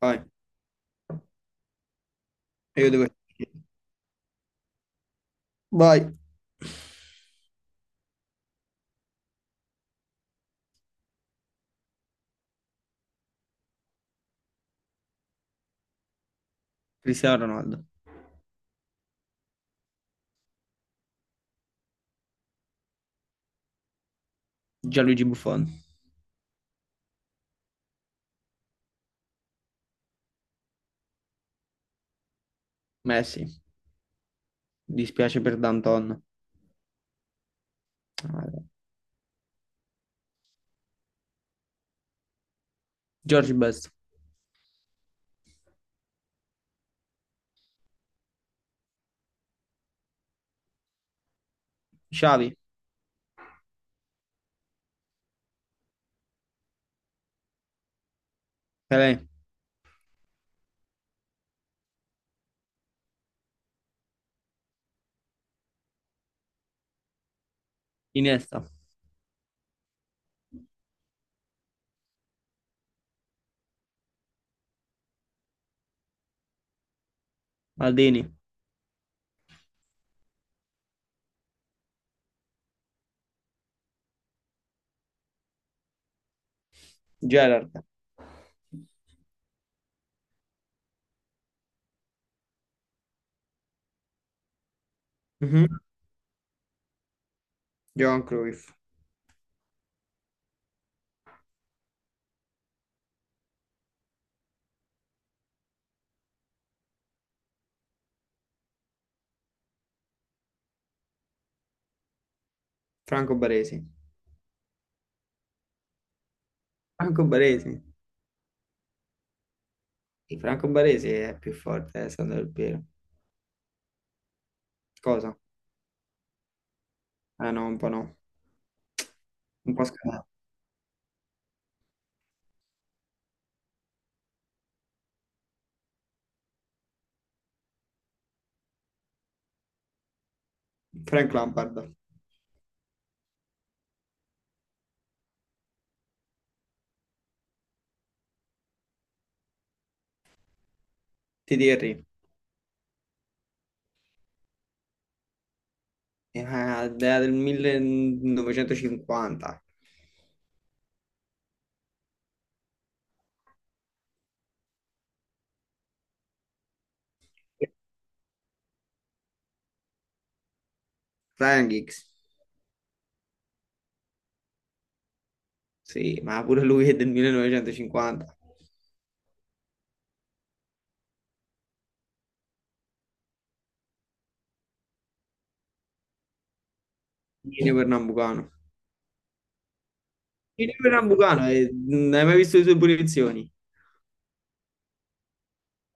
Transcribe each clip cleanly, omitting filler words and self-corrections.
Vai. E io devo... Vai. Cristiano Ronaldo. Gianluigi Buffon. Messi. Dispiace per Danton. George Best. Xavi. Pelé. Iniesta. Maldini. Gerard. Mhm. Johan Cruyff. Franco Baresi. Franco Baresi. Sì, Franco Baresi è più forte, Sandro Del Piero. Cosa? Ah no, un po' no. Un po' scalato. Frank Lampard, ti direi, idea del 1950. Frank Hicks, sì, ma pure lui è del 1950. Gino Pernambucano. Gino Pernambucano, non hai mai visto le sue punizioni?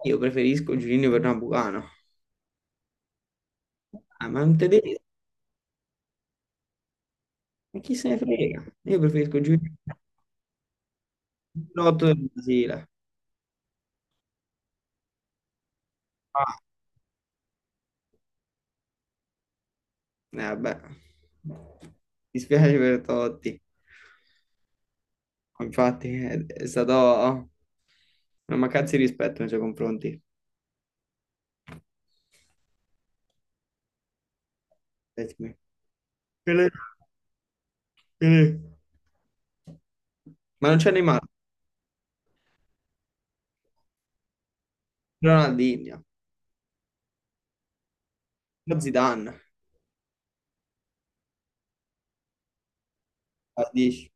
Io preferisco Giulio Pernambucano. Ah, ma non te devi... Ma chi se ne frega? Io preferisco Giulio Lotto del Brasile. Ah, vabbè. Mi spiace per Totti. Infatti è stata oh, una mancanza di rispetto nei suoi confronti. Pessimi. Pelé, Pelé. Ma non c'è Neymar, Ronaldinho, lo Zidane, Bardici,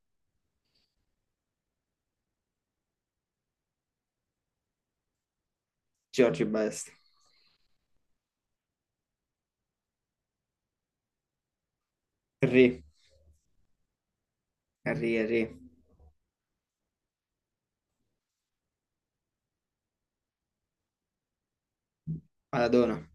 George Best, Henry, Henry, Maradona,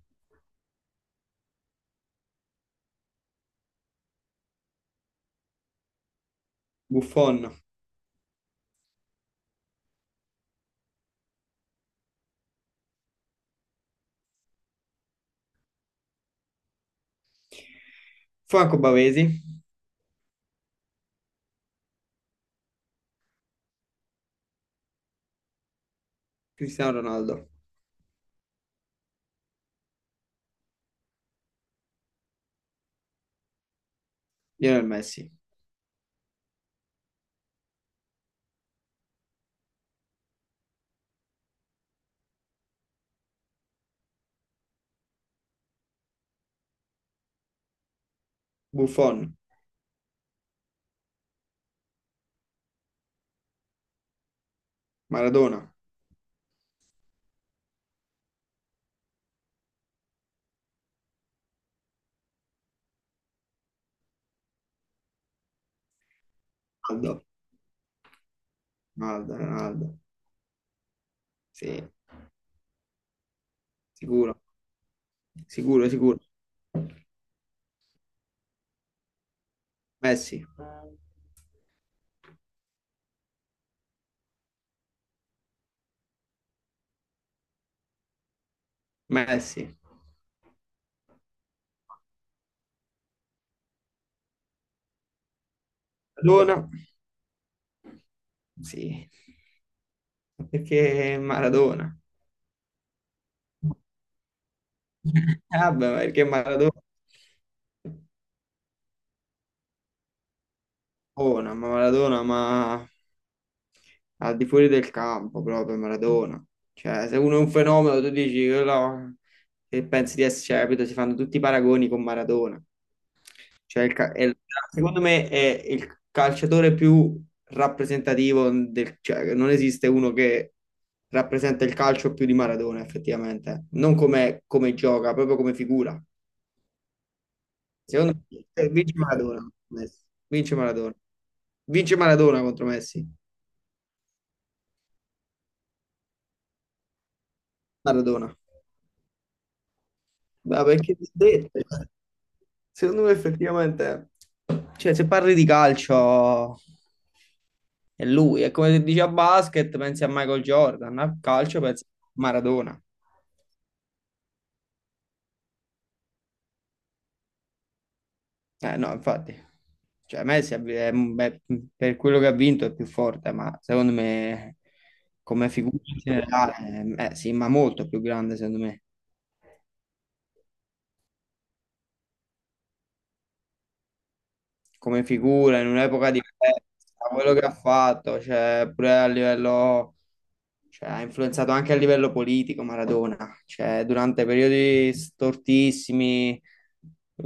Buffon, Franco Bavesi, Cristiano Ronaldo, Lionel Messi, Buffon, Maradona, Ronaldo, Ronaldo, Ronaldo, sì, sicuro, sicuro, sicuro, Messi, Messi, Maradona, sì, perché Maradona. Ah, beh, ma perché Maradona? Maradona, ma al di fuori del campo proprio Maradona. Cioè, se uno è un fenomeno, tu dici quello che pensi di essere, cioè, capito? Si fanno tutti i paragoni con Maradona. Cioè, il ca- è il- secondo me è il calciatore più rappresentativo del, cioè, non esiste uno che rappresenta il calcio più di Maradona, effettivamente. Non come, come gioca, proprio come figura. Secondo me vince Maradona contro Messi. Vince Maradona. Vince Maradona contro Messi. Maradona. Ma perché ti ho detto? Eh. Secondo me effettivamente, cioè se parli di calcio è lui, è come se dici a basket pensi a Michael Jordan, a calcio pensi a Maradona. Eh no, infatti, cioè Messi è- beh, per quello che ha vinto è più forte, ma secondo me come figura in generale, sì, ma molto più grande secondo me. Come figura in un'epoca diversa, quello che ha fatto, cioè, pure a livello, cioè, ha influenzato anche a livello politico Maradona, cioè, durante periodi stortissimi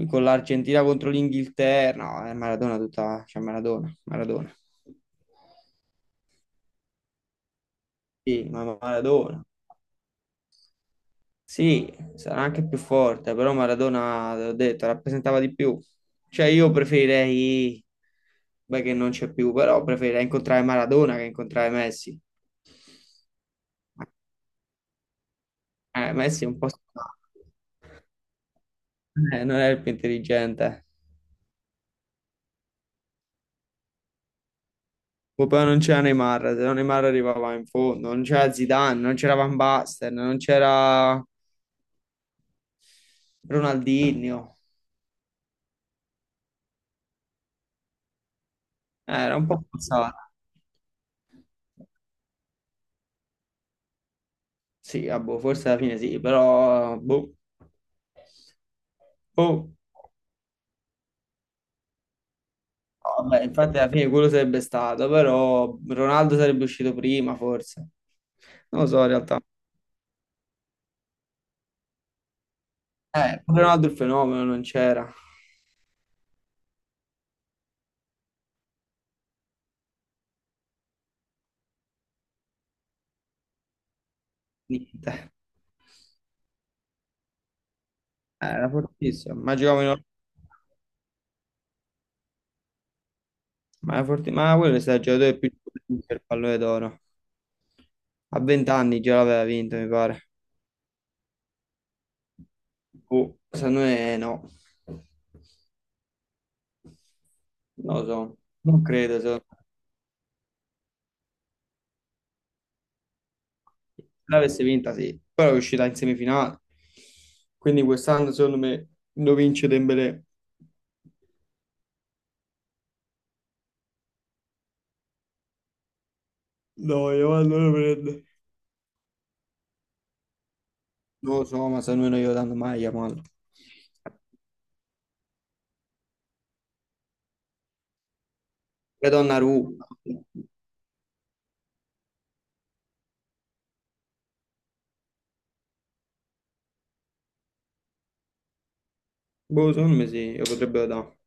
con l'Argentina contro l'Inghilterra, no, è Maradona tutta, cioè Maradona, Maradona. Sì, ma Maradona. Sì, sarà anche più forte, però Maradona, l'ho detto, rappresentava di più. Cioè io preferirei, beh che non c'è più, però preferirei incontrare Maradona che incontrare Messi. Messi è un po' strano, non è il più intelligente. Poi però non c'era Neymar, se no Neymar arrivava in fondo, non c'era Zidane, non c'era Van Basten, non c'era Ronaldinho. Era un po' forzato. Sì, ah, boh, forse alla fine sì, però boh. Oh, vabbè, infatti alla fine quello sarebbe stato, però Ronaldo sarebbe uscito prima, forse. Non lo so, in realtà. Pure Ronaldo il fenomeno non c'era. Niente. Era fortissimo. Ma giocava in... ma quello è stato il giocatore più giovane per il pallone d'oro. A 20 anni già l'aveva vinto, mi pare. Boh, secondo me no. Non lo so. Non credo, secondo me. L'avesse vinta, sì, però è uscita in semifinale. Quindi quest'anno, secondo me, lo vince Dembélé. No, Yamal non lo prende. Non lo so, ma secondo me non glielo danno mai a Yamal. E Donnarumma. Boh, secondo me sì, lo potrebbero dare.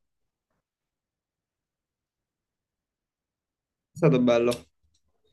È stato bello.